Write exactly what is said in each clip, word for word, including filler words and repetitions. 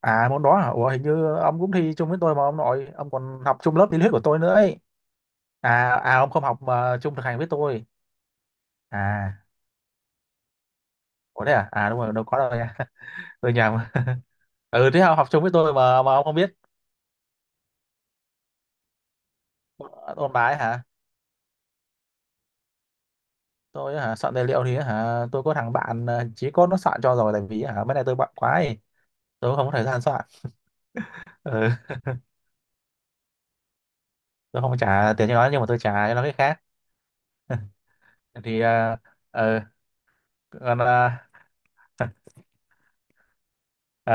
À môn đó hả? Ủa hình như ông cũng thi chung với tôi mà ông nội, ông còn học chung lớp lý thuyết của tôi nữa ấy. À à ông không học mà chung thực hành với tôi. À, ủa đấy à? À đúng rồi, đâu có đâu nha. Tôi nhầm. Ừ, thế ông học chung với tôi mà mà ông không biết ôn bài hả? Tôi hả? Soạn tài liệu thì hả, tôi có thằng bạn ờ, chí cốt nó soạn cho rồi, tại vì hả mấy này tôi bận quá ấy. Tôi không có thời gian soạn. Ừ, tôi không trả tiền cho nó nhưng mà tôi trả cho nó cái khác. Thì ờ, ờ, còn ờ, ờ,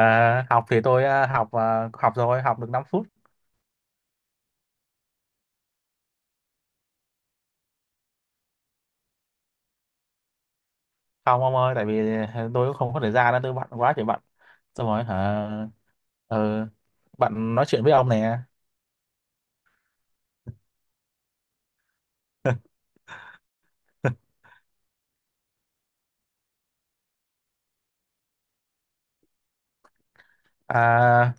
học thì tôi ờ, học ờ, học rồi, học được năm phút. Không ông ơi, tại vì tôi không có thời gian đó, tôi bận quá trời bận, xong rồi hả, ờ, bạn nói chuyện với ông nè. À,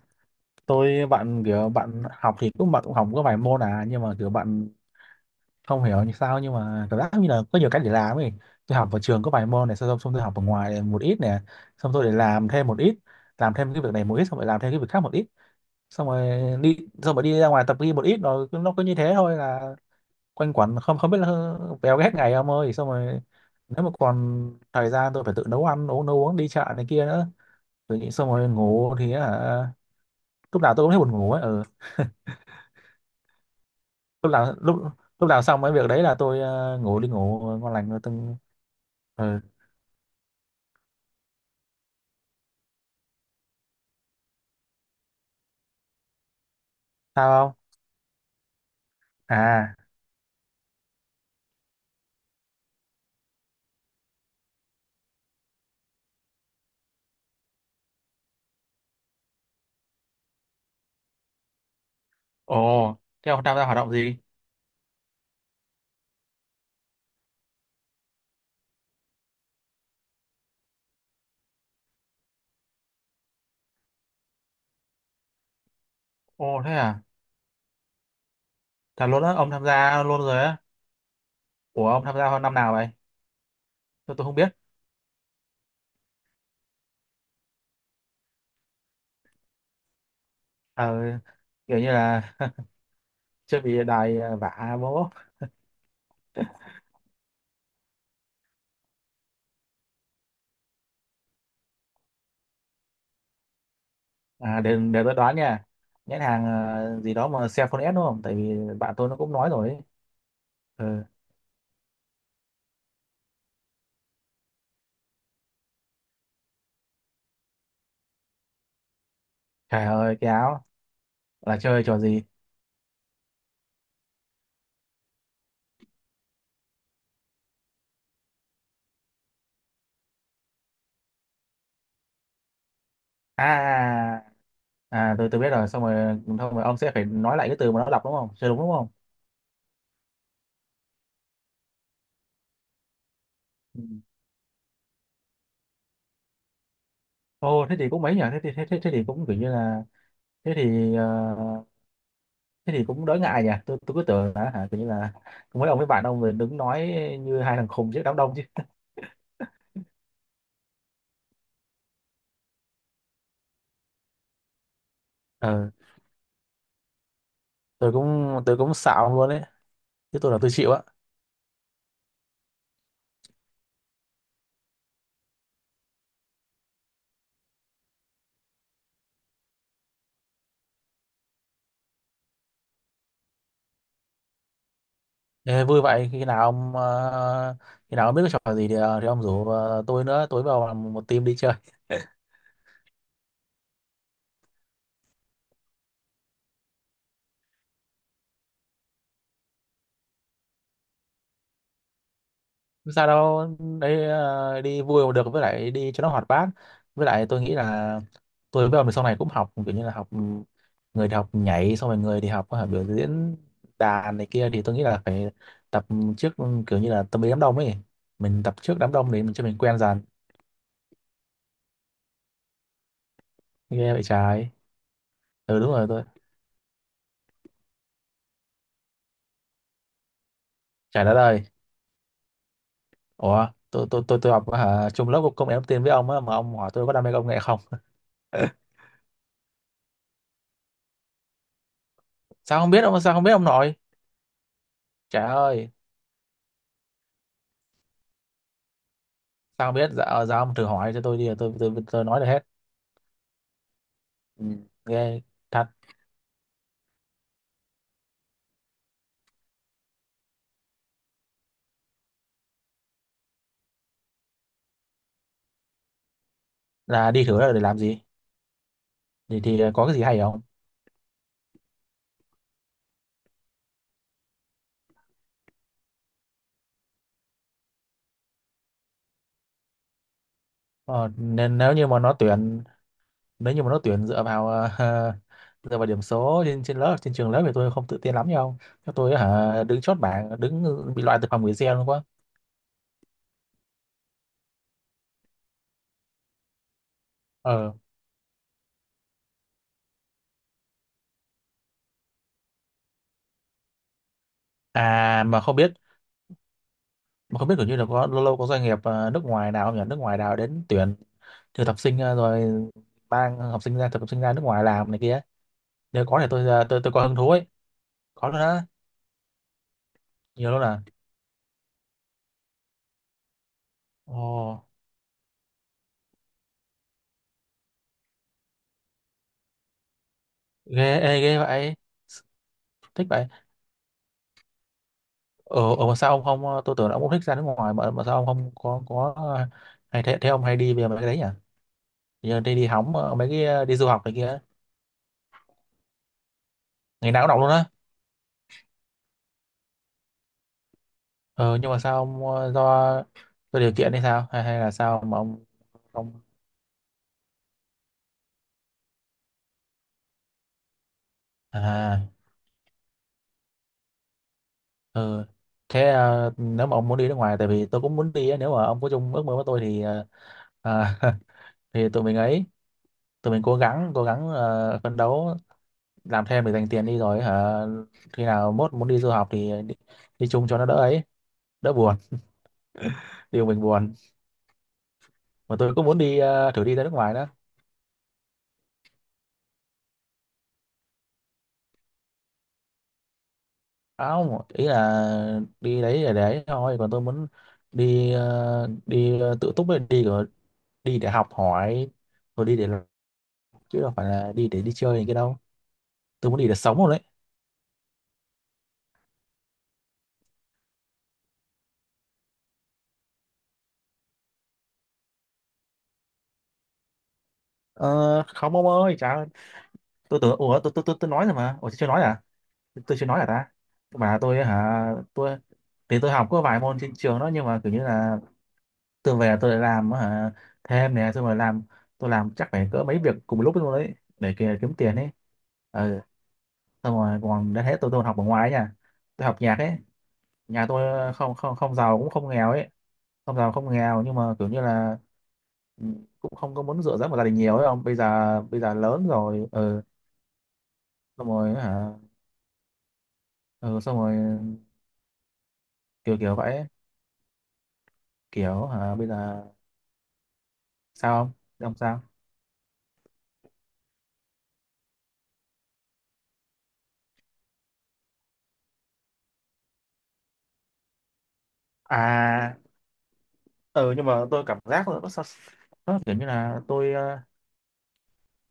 tôi bạn kiểu bạn học thì cũng bạn cũng học có vài môn à, nhưng mà kiểu bạn không hiểu như sao, nhưng mà cảm giác như là có nhiều cách để làm ấy. Tôi học ở trường có vài môn này xong, xong tôi học ở ngoài một ít nè, xong tôi để làm thêm một ít, làm thêm cái việc này một ít, xong rồi làm thêm cái việc khác một ít, xong rồi đi, xong rồi đi ra ngoài tập gym một ít rồi cứ- nó cứ như thế thôi, là quanh quẩn, không không biết là véo hết ngày ông ơi. Xong rồi nếu mà còn thời gian tôi phải tự nấu ăn uống, nấu uống, đi chợ này kia nữa. Tôi nghĩ xong rồi ngủ thì hả, lúc nào tôi cũng thấy buồn ngủ ấy. Ừ. lúc nào lúc, lúc nào xong cái việc đấy là tôi ờ, ngủ, đi ngủ ngon lành rồi từng. Ừ. Sao không? À, Ồ, thế ông tham gia hoạt động gì? Ồ, thế à? Thật luôn á, ông tham gia luôn rồi á. Ủa, ông tham gia hơn năm nào vậy? Tôi, tôi không biết. ờ, kiểu như là chưa bị đài, ờ, vả bố. À, để, để tôi đoán nha, nhãn hàng ờ, gì đó mà Cellphone S đúng không, tại vì bạn tôi nó cũng nói rồi ấy. Ừ. Trời ơi, cái áo là chơi trò gì? À, à, à tôi tôi biết rồi, xong rồi xong rồi ông sẽ phải nói lại cái từ mà nó đọc đúng không, chơi đúng đúng không? Ừ. Ô, thế thì cũng mấy nhỉ, thế thì thế, thế, thế thì cũng kiểu như là thế thì ờ, thế thì cũng đỡ ngại nhỉ. Tôi tôi cứ tưởng là hả kiểu như là mấy ông với bạn ông rồi đứng nói như hai thằng khùng trước đám đông chứ. Ờ, tôi cũng tôi cũng xạo luôn đấy chứ, tôi là tôi chịu á. Ê, vui vậy. Khi nào ông ờ, khi nào ông biết cái trò gì thì, ờ, thì ông rủ ờ, tôi nữa, tôi vào làm một team đi chơi. Không sao đâu đấy, ờ, đi vui mà được, với lại đi cho nó hoạt bát, với lại tôi nghĩ là tôi với ông thì sau này cũng học kiểu như là học, ừ, người thì học nhảy, xong rồi người thì học ờ, biểu diễn đàn này kia, thì tôi nghĩ là phải tập trước, kiểu như là tâm lý đám đông ấy, mình tập trước đám đông để mình cho mình quen dần. Nghe vậy trái. Ừ, đúng rồi, tôi trái đã đời. Ủa, tôi tôi tôi tôi học hả, chung lớp công nghệ thông tin với ông á, mà ông hỏi tôi có đam mê công nghệ không? Sao không biết ông, sao không biết ông nội? Trời ơi, sao không biết? Dạ, ờ, dạ ông thử hỏi cho tôi đi, tôi tôi tôi nói được hết. Ừ, ghê thật. Là đi thử là để làm gì? Thì thì có cái gì hay không? Ờ, nên nếu như mà nó tuyển, nếu như mà nó tuyển dựa vào ờ, dựa vào điểm số trên trên lớp, trên trường lớp thì tôi không tự tin lắm nhau. Cho tôi hả đứng chốt bảng, đứng bị loại từ phòng gửi xe luôn quá. Ờ. À mà không biết, mà không biết kiểu như là có lâu lâu có doanh nghiệp à, nước ngoài nào không nhỉ, nước ngoài nào đến tuyển thực tập sinh à, rồi mang học sinh ra thực tập sinh ra nước ngoài làm này kia. Nếu có thì tôi à, tôi tôi có hứng thú ấy. Có luôn á? Nhiều luôn à? Ồ, ghê, ê, ghê vậy, thích vậy. Ở, ở mà sao ông không à, tôi tưởng là ông cũng thích ra nước ngoài mà mà sao ông không có có à, hay thế, thế ông hay đi về mấy cái đấy nhỉ, giờ đi đi hóng à, mấy cái à, đi du học này kia. Ngày nào cũng đọc luôn á? Ờ, nhưng mà sao ông à, do do điều kiện hay sao, hay hay là sao mà ông không à. Ờ, thế ờ, nếu mà ông muốn đi nước ngoài, tại vì tôi cũng muốn đi á, nếu mà ông có chung ước mơ với tôi thì ờ, à, thì tụi mình ấy, tụi mình cố gắng cố gắng ờ, phấn đấu làm thêm để dành tiền đi, rồi hả khi nào mốt muốn đi du học thì đi, đi chung cho nó đỡ ấy, đỡ buồn, điều mình buồn. Mà tôi cũng muốn đi ờ, thử đi ra nước ngoài đó. À, không, ý là đi đấy để đấy thôi, còn tôi muốn đi ờ, đi ờ, tự túc ấy, đi rồi, đi để học hỏi, rồi đi để làm, chứ đâu phải là đi để đi chơi cái đâu. Tôi muốn đi để sống rồi đấy. Ờ, không ông ơi chả. Tôi tưởng ủa, tôi tôi tôi, tôi nói rồi mà, ủa tôi chưa nói à, tôi tôi chưa nói à ta. Mà tôi hả, tôi thì tôi học có vài môn trên trường đó, nhưng mà kiểu như là tôi về tôi lại làm hả thêm nè, xong rồi làm, tôi làm chắc phải cỡ mấy việc cùng lúc luôn đấy để kì- kiếm tiền ấy. Ừ. Xong rồi còn đã thế tôi tôi còn học ở ngoài ấy nha, tôi học nhạc ấy. Nhà tôi không không không giàu cũng không nghèo ấy, không giàu không nghèo nhưng mà kiểu như là, ừ, cũng không có muốn dựa dẫm vào gia đình nhiều ấy, không bây giờ bây giờ lớn rồi. Ừ. Xong rồi hả. Ừ, xong rồi, kiểu kiểu vậy ấy. Kiểu hả bây giờ. Sao không? Thế không sao. À, ừ, nhưng mà tôi cảm giác nó, nó, sao- nó kiểu như là tôi ờ,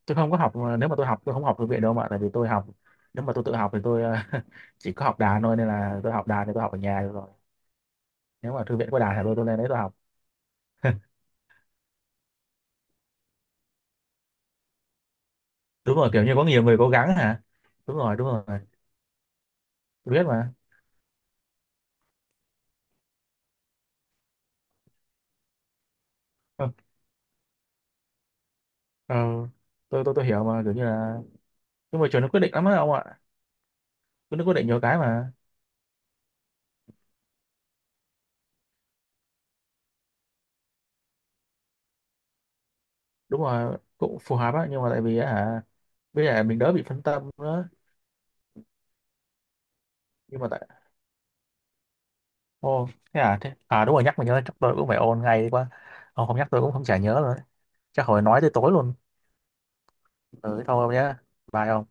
tôi không có học, nếu mà tôi học tôi không học thư viện đâu mà, tại vì tôi học, nếu mà tôi tự học thì tôi ờ, chỉ có học đàn thôi nên là tôi học đàn thì tôi học ở nhà được rồi. Nếu mà thư viện có đàn thì tôi tôi lên đấy tôi học. Đúng rồi, kiểu như có nhiều người cố gắng hả. Đúng rồi, đúng rồi, tôi biết mà. Ờ, ờ, tôi tôi tôi hiểu mà, kiểu như là nhưng mà trường nó quyết định lắm á ông ạ. Trường nó quyết định nhiều cái mà. Đúng rồi, cũng phù hợp á, nhưng mà tại vì á hả bây giờ mình đỡ bị phân tâm nữa. Nhưng mà tại, ô, thế à, thế à, đúng rồi, nhắc mình nhớ, chắc tôi cũng phải ôn ngay đi quá. Ông không nhắc tôi cũng không, chả nhớ rồi. Chắc hồi nói tới tối luôn. Ừ, thôi ông nhá. Bye ông.